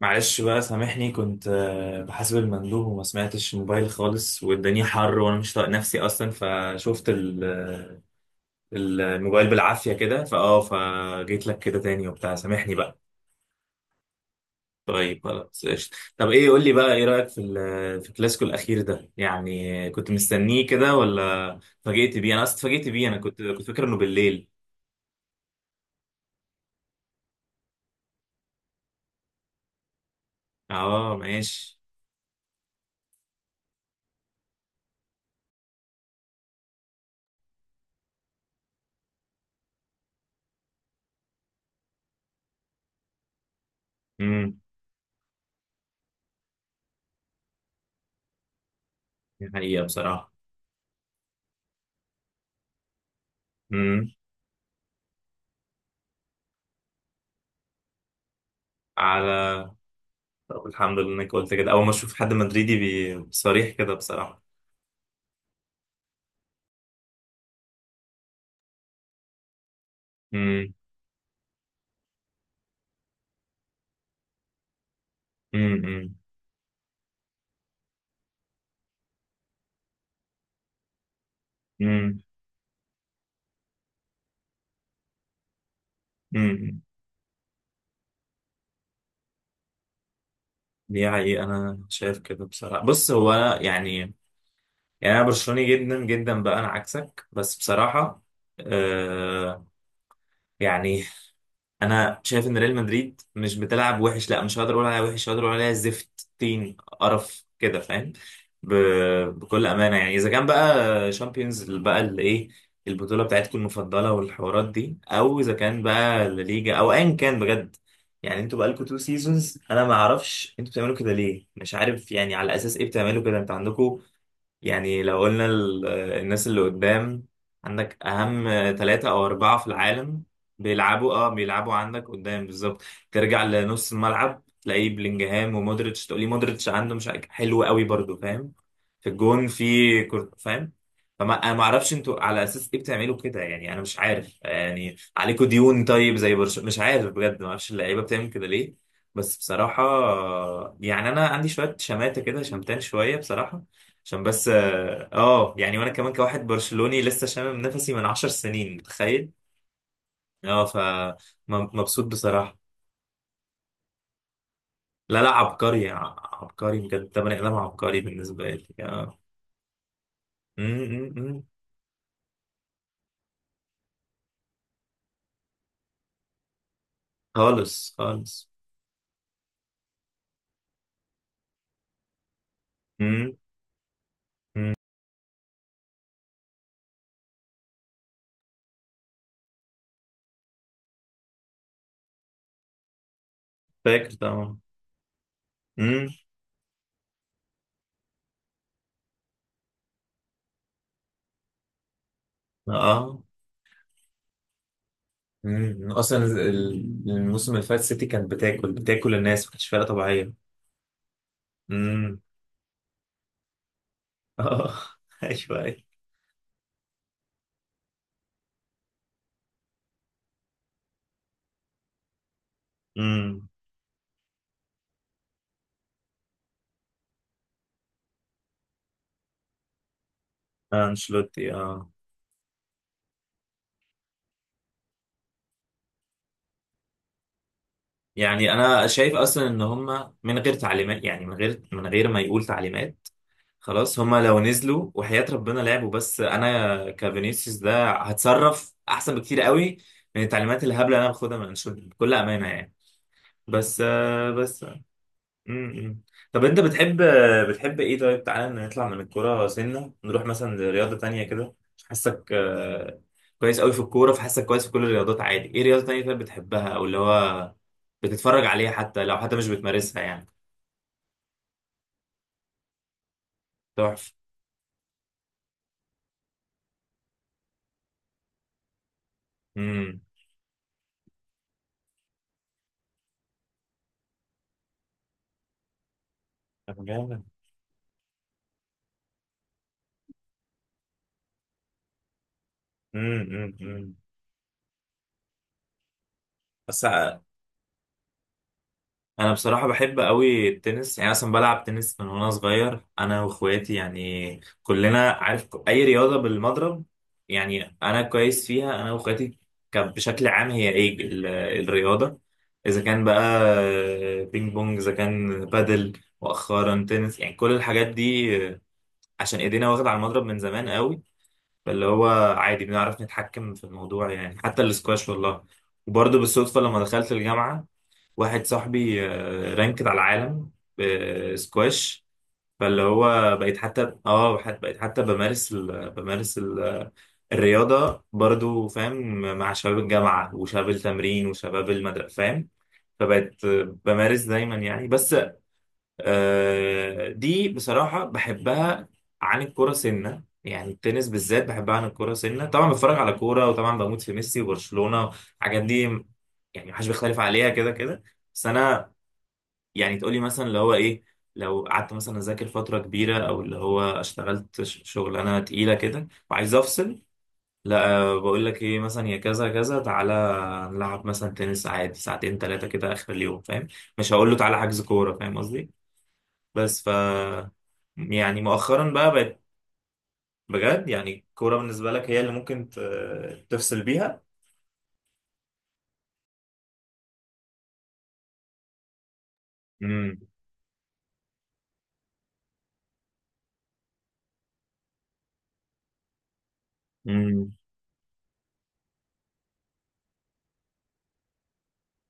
معلش بقى سامحني، كنت بحاسب المندوب وما سمعتش الموبايل خالص، والدنيا حر وانا مش طايق نفسي اصلا. فشفت الموبايل بالعافية كده، فجيت لك كده تاني وبتاع. سامحني بقى. طيب خلاص قشطة. طب ايه، قول لي بقى، ايه رأيك في في الكلاسيكو الاخير ده؟ يعني كنت مستنيه كده ولا اتفاجئت بيه؟ انا اصلا اتفاجئت بيه، انا كنت فاكر انه بالليل. اه ماشي. امم. دي حقيقة بصراحة. امم. على طب الحمد لله انك قلت كده، اول ما اشوف حد مدريدي صريح كده بصراحه. امم، امم، امم، امم. دي حقيقه، انا شايف كده بصراحه. بص، هو أنا يعني انا برشلوني جدا جدا بقى، انا عكسك بس بصراحه. آه، يعني انا شايف ان ريال مدريد مش بتلعب وحش، لا مش هقدر اقول عليها وحش، هقدر اقول عليها زفت طين قرف كده، فاهم؟ ب... بكل امانه يعني. اذا كان بقى شامبيونز بقى الايه، البطوله بتاعتكم المفضله والحوارات دي، او اذا كان بقى لا ليجا، او ايا كان بجد. يعني انتوا بقالكم تو سيزونز، انا ما اعرفش انتوا بتعملوا كده ليه، مش عارف يعني على اساس ايه بتعملوا كده. انتوا عندكم، يعني لو قلنا الناس اللي قدام، عندك أهم ثلاثة أو أربعة في العالم بيلعبوا عندك قدام بالظبط. ترجع لنص الملعب تلاقيه بلينجهام ومودريتش، تقولي مودريتش عنده مش عارف- حلو قوي برضو، فاهم؟ في الجون في كورت، فاهم؟ فما انا ما اعرفش انتوا على اساس ايه بتعملوا كده، يعني انا مش عارف. يعني عليكوا ديون طيب زي برشلونة، مش عارف بجد، ما اعرفش اللعيبه بتعمل كده ليه، بس بصراحه. يعني انا عندي شويه شماته كده، شمتان شويه بصراحه، عشان بس اه، يعني. وانا كمان كواحد برشلوني لسه شامم نفسي من 10 سنين، متخيل. اه، مبسوط بصراحة. لا لا، عبقري، عبقري بجد، ده بني ادم عبقري بالنسبة لي. اه. م. خالص خالص. م- م. فاكر طبعا. م. اه. م. اصلا الموسم اللي فات سيتي كانت بتاكل بتاكل الناس، ما كانتش فرقة طبيعية. م. اه. ايوه ايوه. م. انشيلوتي، اه. يعني انا شايف اصلا ان هم من غير تعليمات، يعني من غير ما يقول تعليمات خلاص، هم لو نزلوا وحياة ربنا لعبوا بس. انا كفينيسيوس ده هتصرف احسن بكتير قوي من التعليمات الهبله اللي انا باخدها من انشيلوتي، بكل امانه يعني. بس آه، بس آه، م- م. طب انت بتحب ايه؟ طيب تعالى نطلع من الكوره سنه، نروح مثلا لرياضه تانية كده. حاسك كويس قوي في الكوره، فحاسك كويس في كل الرياضات عادي. ايه رياضه تانية طيب بتحبها، او اللي هو بتتفرج عليها حتى مش بتمارسها يعني؟ تحفة. امم. طب جامد. امم. امم. أمم. بس أ- انا بصراحة بحب قوي التنس، يعني اصلا بلعب تنس من وانا صغير، انا واخواتي يعني كلنا عارف. اي رياضة بالمضرب يعني، انا كويس فيها انا واخواتي. كان بشكل عام، هي ايه الرياضة، اذا كان بقى بينج بونج، اذا كان بادل، مؤخرا تنس يعني، كل الحاجات دي، عشان ايدينا واخدة على المضرب من زمان قوي، فاللي هو عادي بنعرف نتحكم في الموضوع. يعني حتى الاسكواش، والله، وبرضه بالصدفة لما دخلت الجامعة واحد صاحبي رانكد على العالم بسكواش. فاللي هو بقيت حتى بمارس الرياضة برضو، فاهم؟ مع شباب الجامعة وشباب التمرين وشباب المدرسة، فاهم؟ فبقيت بمارس دايما يعني بس. دي بصراحة بحبها عن الكورة سنة، يعني التنس بالذات بحبها عن الكورة سنة. طبعا بتفرج على كورة، وطبعا بموت في ميسي وبرشلونة الحاجات دي، يعني محدش بيختلف عليها كده كده. بس أنا يعني، تقولي مثلا اللي هو إيه، لو قعدت مثلا أذاكر فترة كبيرة، أو اللي هو اشتغلت شغلانة تقيلة كده وعايز أفصل، لا، بقول لك إيه، مثلا يا كذا كذا تعالى نلعب مثلا تنس عادي ساعتين تلاتة كده آخر اليوم، فاهم؟ مش هقول له تعالى حجز كورة، فاهم قصدي؟ بس يعني مؤخرا بقى بقت. بجد، يعني الكورة بالنسبة لك هي اللي ممكن تفصل بيها. امم. امم.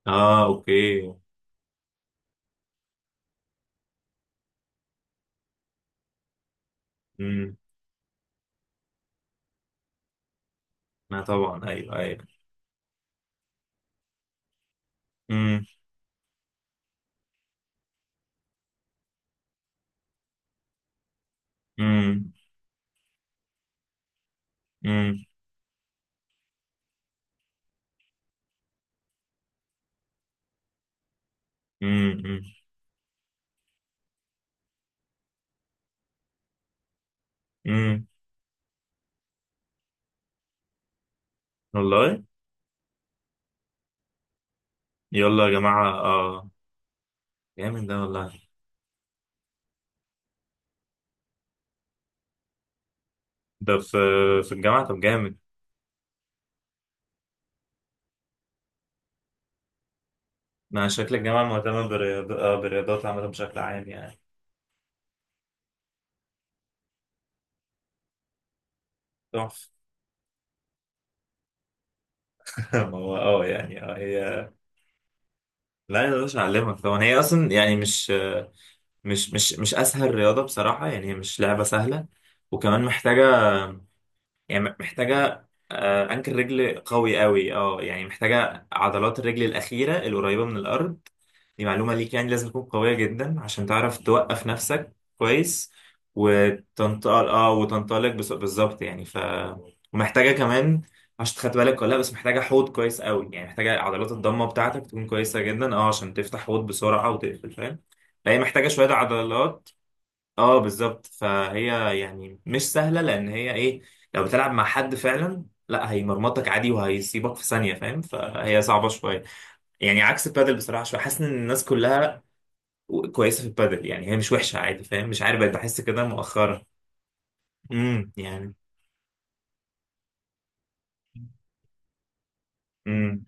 اه اوكي. امم. ما طبعا، ايوه ايوه. امم. امم. امم. امم. امم. والله. يلا يا جماعة، اه. جامد ده والله. ده في الجامعة. طب جامد. ما شكل الجامعة مهتمة بالرياضات عامة بشكل عام يعني. تحفة. ما هو اه يعني، اه هي، لا يا باشا اعلمك طبعا. هي اصلا يعني، مش اسهل رياضه بصراحه. يعني هي مش لعبه سهله، وكمان محتاجه، يعني محتاجه انكل رجل قوي قوي، اه يعني محتاجه عضلات الرجل الاخيره القريبه من الارض. دي معلومه ليك، يعني لازم تكون قويه جدا عشان تعرف توقف نفسك كويس، وتنطلق بالظبط يعني. ومحتاجه كمان، مش خدت بالك ولا لا، بس محتاجه حوض كويس قوي، يعني محتاجه عضلات الضمه بتاعتك تكون كويسه جدا، اه عشان تفتح حوض بسرعه وتقفل، فاهم؟ فهي محتاجه شويه عضلات، اه بالظبط. فهي يعني مش سهله، لان هي ايه، لو بتلعب مع حد فعلا لا هيمرمطك عادي وهيسيبك في ثانيه، فاهم؟ فهي صعبه شويه. يعني عكس البادل بصراحه شويه، حاسس ان الناس كلها كويسه في البادل، يعني هي مش وحشه عادي، فاهم؟ مش عارف بقيت بحس كده مؤخرا. يعني. امم.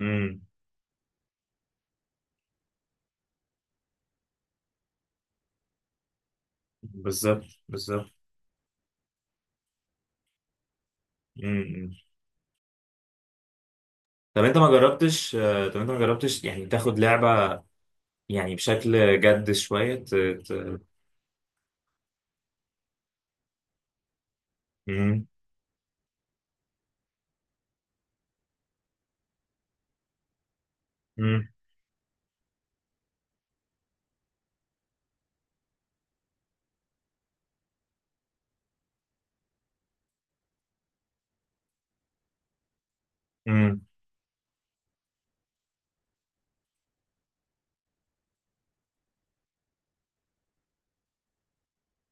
امم. بالظبط بالظبط. امم. امم. طب انت ما جربتش يعني تاخد لعبه يعني بشكل جد شويه، امم. امم. امم.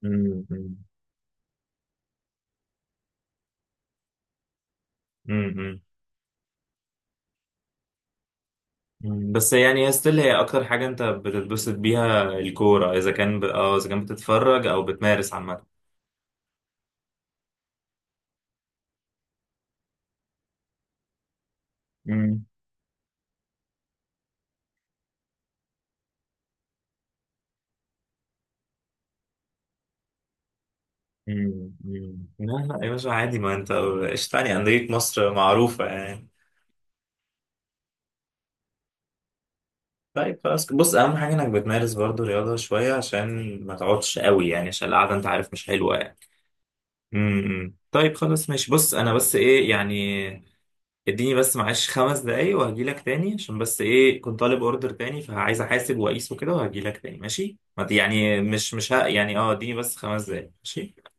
امم، امم. امم. أمم. بس يعني ستيل هي اكتر حاجه انت بتتبسط بيها الكوره، اذا كان بتتفرج او بتمارس عامه. امم. أمم. أمم. لا لا يا باشا، عادي ما انت، ايش تاني انديه مصر معروفه يعني. طيب خلاص، بص اهم حاجه انك بتمارس برضو رياضه شويه، عشان ما تقعدش قوي، يعني عشان القعده انت عارف مش حلوه يعني. امم. أمم. طيب خلاص ماشي. بص انا بس ايه يعني، اديني بس معلش 5 دقايق وهجيلك تاني، عشان بس ايه، كنت طالب اوردر تاني فعايز احاسب واقيسه كده وهجيلك تاني، ماشي؟ ما يعني مش يعني اه اديني بس 5 دقايق، ماشي؟